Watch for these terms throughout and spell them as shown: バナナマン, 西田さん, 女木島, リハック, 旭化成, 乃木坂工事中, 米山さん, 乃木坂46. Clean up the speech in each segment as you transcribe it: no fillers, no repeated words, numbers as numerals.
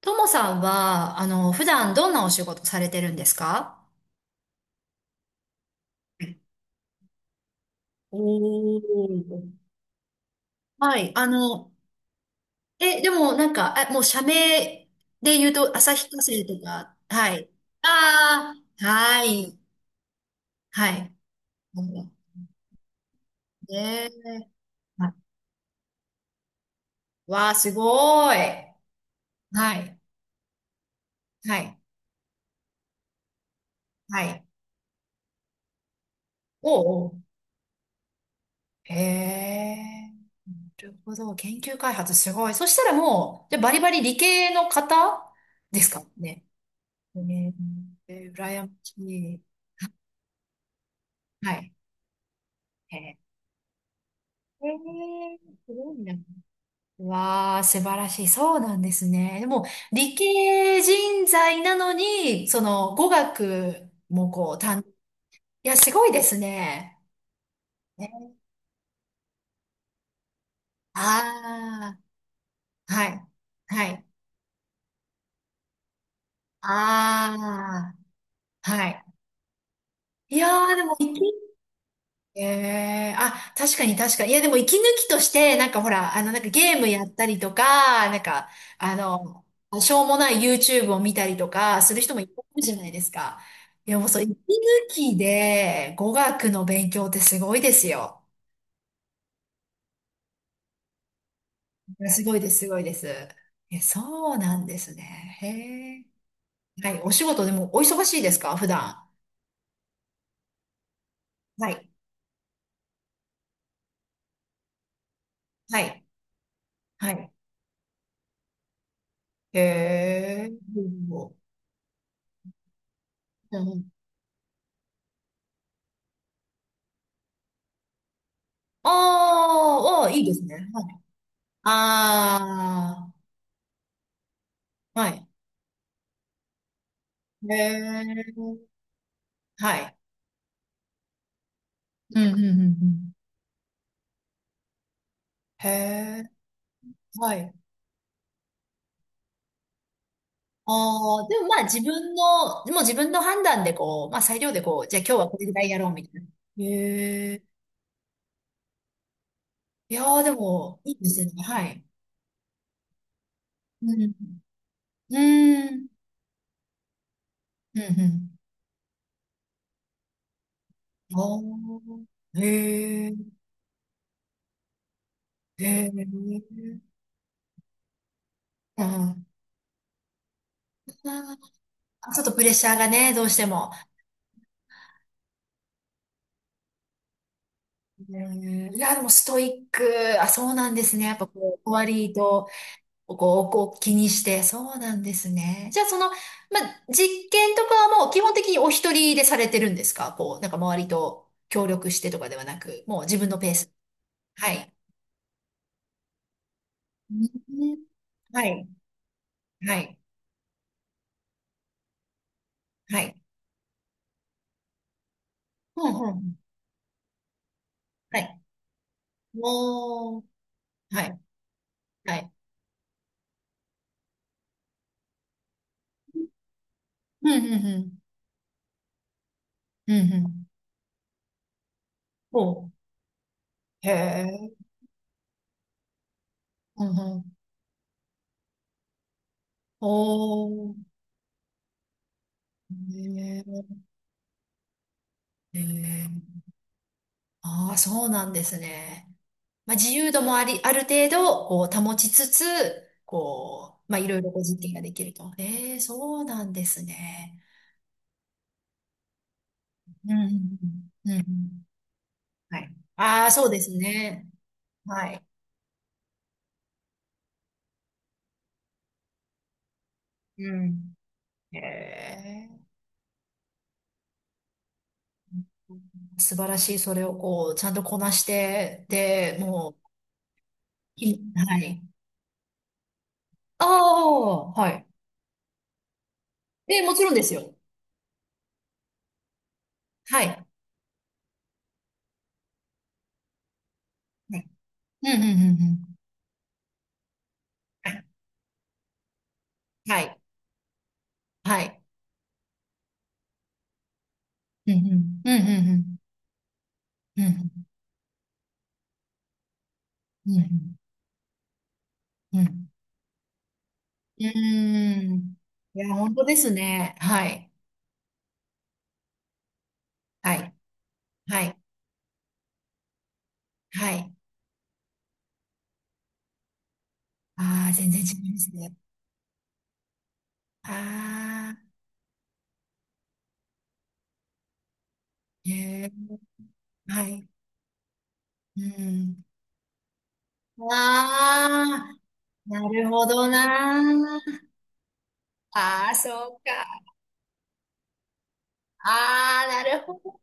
ともさんは、普段どんなお仕事されてるんですか？おー。はい。でもなんか、あ、もう社名で言うと、旭化成とか。はい。ああ、はい。はい。ね、はい。わあ、すごい。はい。はい。はい。おうおう。へえ。なるほど。研究開発すごい。そしたらもう、じゃあバリバリ理系の方ですかね。ね、えー、羨ましい。はい。へえ、へえ、すごいな。わあ、素晴らしい。そうなんですね。でも、理系人材なのに、語学もこう、担、いや、すごいですね。ね。ああ、はい。はい。ああ、はい。いやー、でも、理系、ええ、あ、確かに確かに。いや、でも息抜きとして、なんかほら、なんかゲームやったりとか、なんか、あの、しょうもない YouTube を見たりとか、する人もいるかもじゃないですか。いや、もうそう、息抜きで語学の勉強ってすごいですよ。いや、すごいです、すごいです。え、そうなんですね。へえ。はい、お仕事でもお忙しいですか、普段？はい、はい、はい。へえ。うんうん、あー、あー、いいですね。ああ、はい。へえ、はい。うんうんうんうん。へえ、はい。ああ、でもまあ自分の、もも自分の判断でこう、まあ裁量でこう、じゃあ今日はこれぐらいやろうみたいな。へえ、いやーでも、いいですね。はい。うんうんうん。うんうんうん。ああ、へえ、へえ、うん。あー、ちょっとプレッシャーがね、どうしても。うん、いや、でもストイック。あ、そうなんですね。やっぱこう、割と、こう、こう気にして。そうなんですね。じゃあ、まあ、実験とかはもう基本的にお一人でされてるんですか？こう、なんか周りと協力してとかではなく、もう自分のペース。はい。うん。はい。はい。はい。うん、うん。はい。おー。はい。はい。うん、うん、うん。うん、うん。おー。へえ。うん、うん。おー。へえ。へえ、ああ、そうなんですね。まあ、自由度もあり、ある程度、こう、保ちつつ、こう、まあ、いろいろご実験ができると。ええ、そうなんですね。うん、うん、うん。うんうん、はい。ああ、そうですね。はい。うん。ええ、素晴らしい。それをこう、ちゃんとこなして、で、もう、いはい。ああ、はい。え、もちろんですよ。はい。はい、うん、うん、うん、うん。はい。はい。はい。うん、うん、うん、うん、うん。うん、うん、うん。うん。うーん、いや、本当ですね。はい。はい。はい。はい。ああ、全然違いますね。ああ、へえ。はい。うん。ああ、なるほどな。ああ、そうか。ああ、なるほど。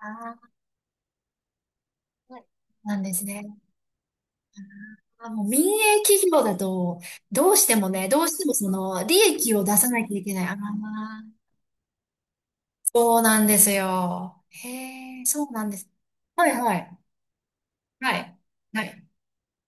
ああ、なんですね。あ、もう民営企業だと、どうしてもね、どうしてもその、利益を出さなきゃいけない。ああ、そうなんですよ。へえ、そうなんです。はいはい。はい。はい。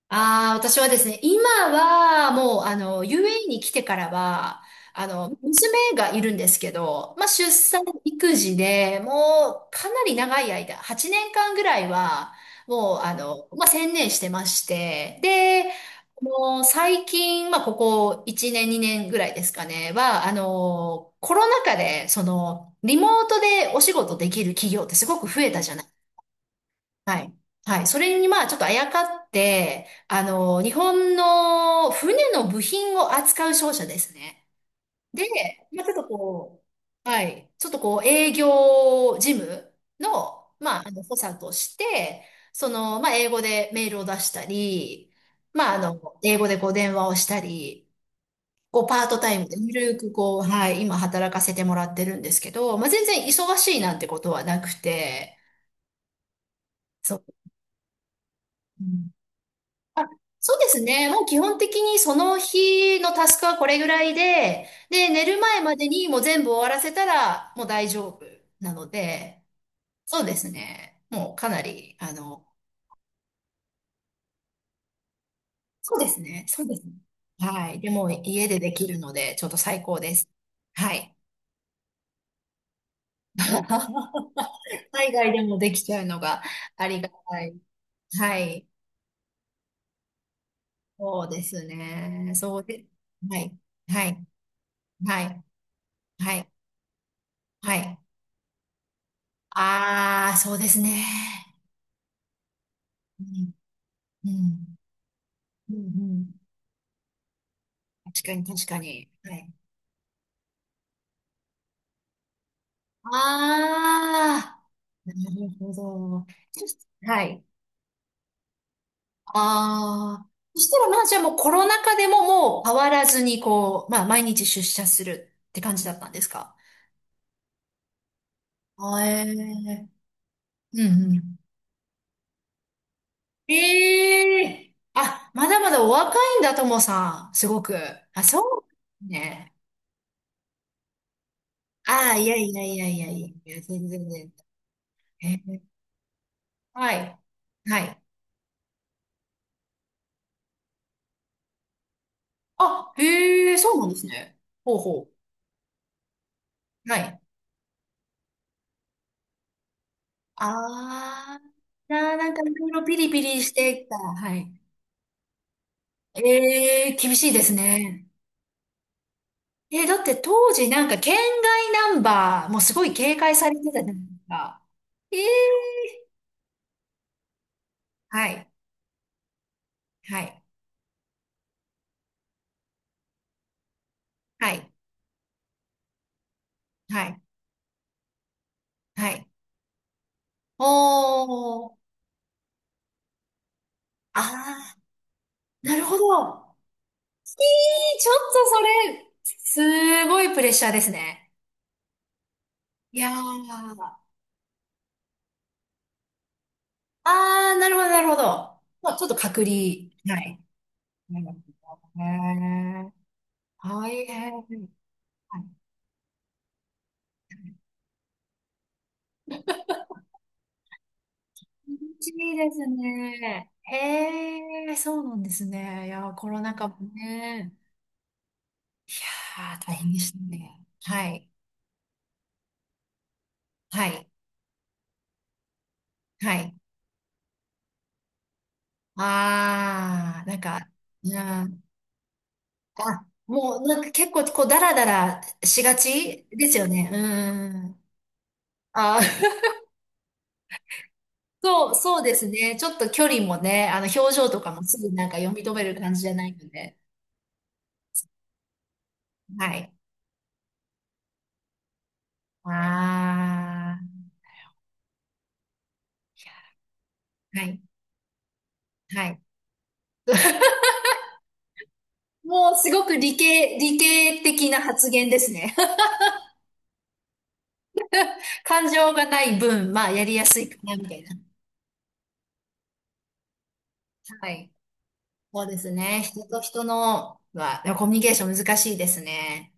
ああ、私はですね、今はもう、UAE に来てからは、娘がいるんですけど、まあ、出産育児でもう、かなり長い間、8年間ぐらいは、もう、まあ、専念してまして、で、もう、最近、まあ、ここ1年、2年ぐらいですかね、は、コロナ禍で、リモートでお仕事できる企業ってすごく増えたじゃない。はい。はい。それにまあちょっとあやかって、日本の船の部品を扱う商社ですね。で、まあちょっとこう、はい。ちょっとこう営業事務の、まあ、補佐として、まあ英語でメールを出したり、まあ、英語でこう電話をしたり、こうパートタイムでゆるくこう、はい、今働かせてもらってるんですけど、まあ全然忙しいなんてことはなくて、そう。そうですね。もう基本的にその日のタスクはこれぐらいで、で、寝る前までにもう全部終わらせたらもう大丈夫なので、そうですね。もうかなり、そうですね。そうですね。はい。でも家でできるので、ちょっと最高です。はい。海外でもできちゃうのがありがたい。はい。そうですね。そうで、はい。はい。はい。はい。はい。ああ、そうですね。うんうん。うんうん。確かに、確かに。はい。ああ、なるほど。そし、はい。ああ。そしたら、まあ、じゃあもうコロナ禍でももう変わらずに、こう、まあ、毎日出社するって感じだったんですか？あ、えー、うんうん。ええ、あ、まだまだお若いんだ、ともさん。すごく。あ、そうね。ああ、いやいやいやいやいや、全然全然。えー、はい。はい。あ、へえ、そうなんですね。ほうほう。はい。ああ、じゃあなんかいろいろピリピリしてきた。はい。ええ、厳しいですね。え、だって当時なんか県外ナンバーもすごい警戒されてたじゃないですか。ええ、はい。はい。はい。はい。はい。おー。ああ、なるほど。えー、ちょっとそれ、すごいプレッシャーですね。いやー。ああ、なるほど、なるほど。まあ、ちょっと隔離。はい。なるほどね。大変。はい。気、いいですね。へえ、そうなんですね。いやー、コロナ禍もね。いやー、大変でしたね。はい。はい。はい。ああ、なんか、うん。あ、もう、なんか結構、こう、だらだらしがちですよね。うん。ああ。そう、そうですね。ちょっと距離もね、表情とかもすぐなんか読み止める感じじゃないので。はい。ああ、はい、はい。もうすごく理系、理系的な発言ですね。感情がない分、まあ、やりやすいかな、みたいな。はい。そうですね。人と人のは、コミュニケーション難しいですね。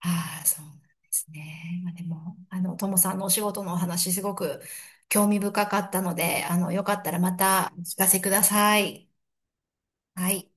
ああ、そうなんですね。まあ、でも、ともさんのお仕事のお話、すごく興味深かったので、よかったらまたお聞かせください。はい。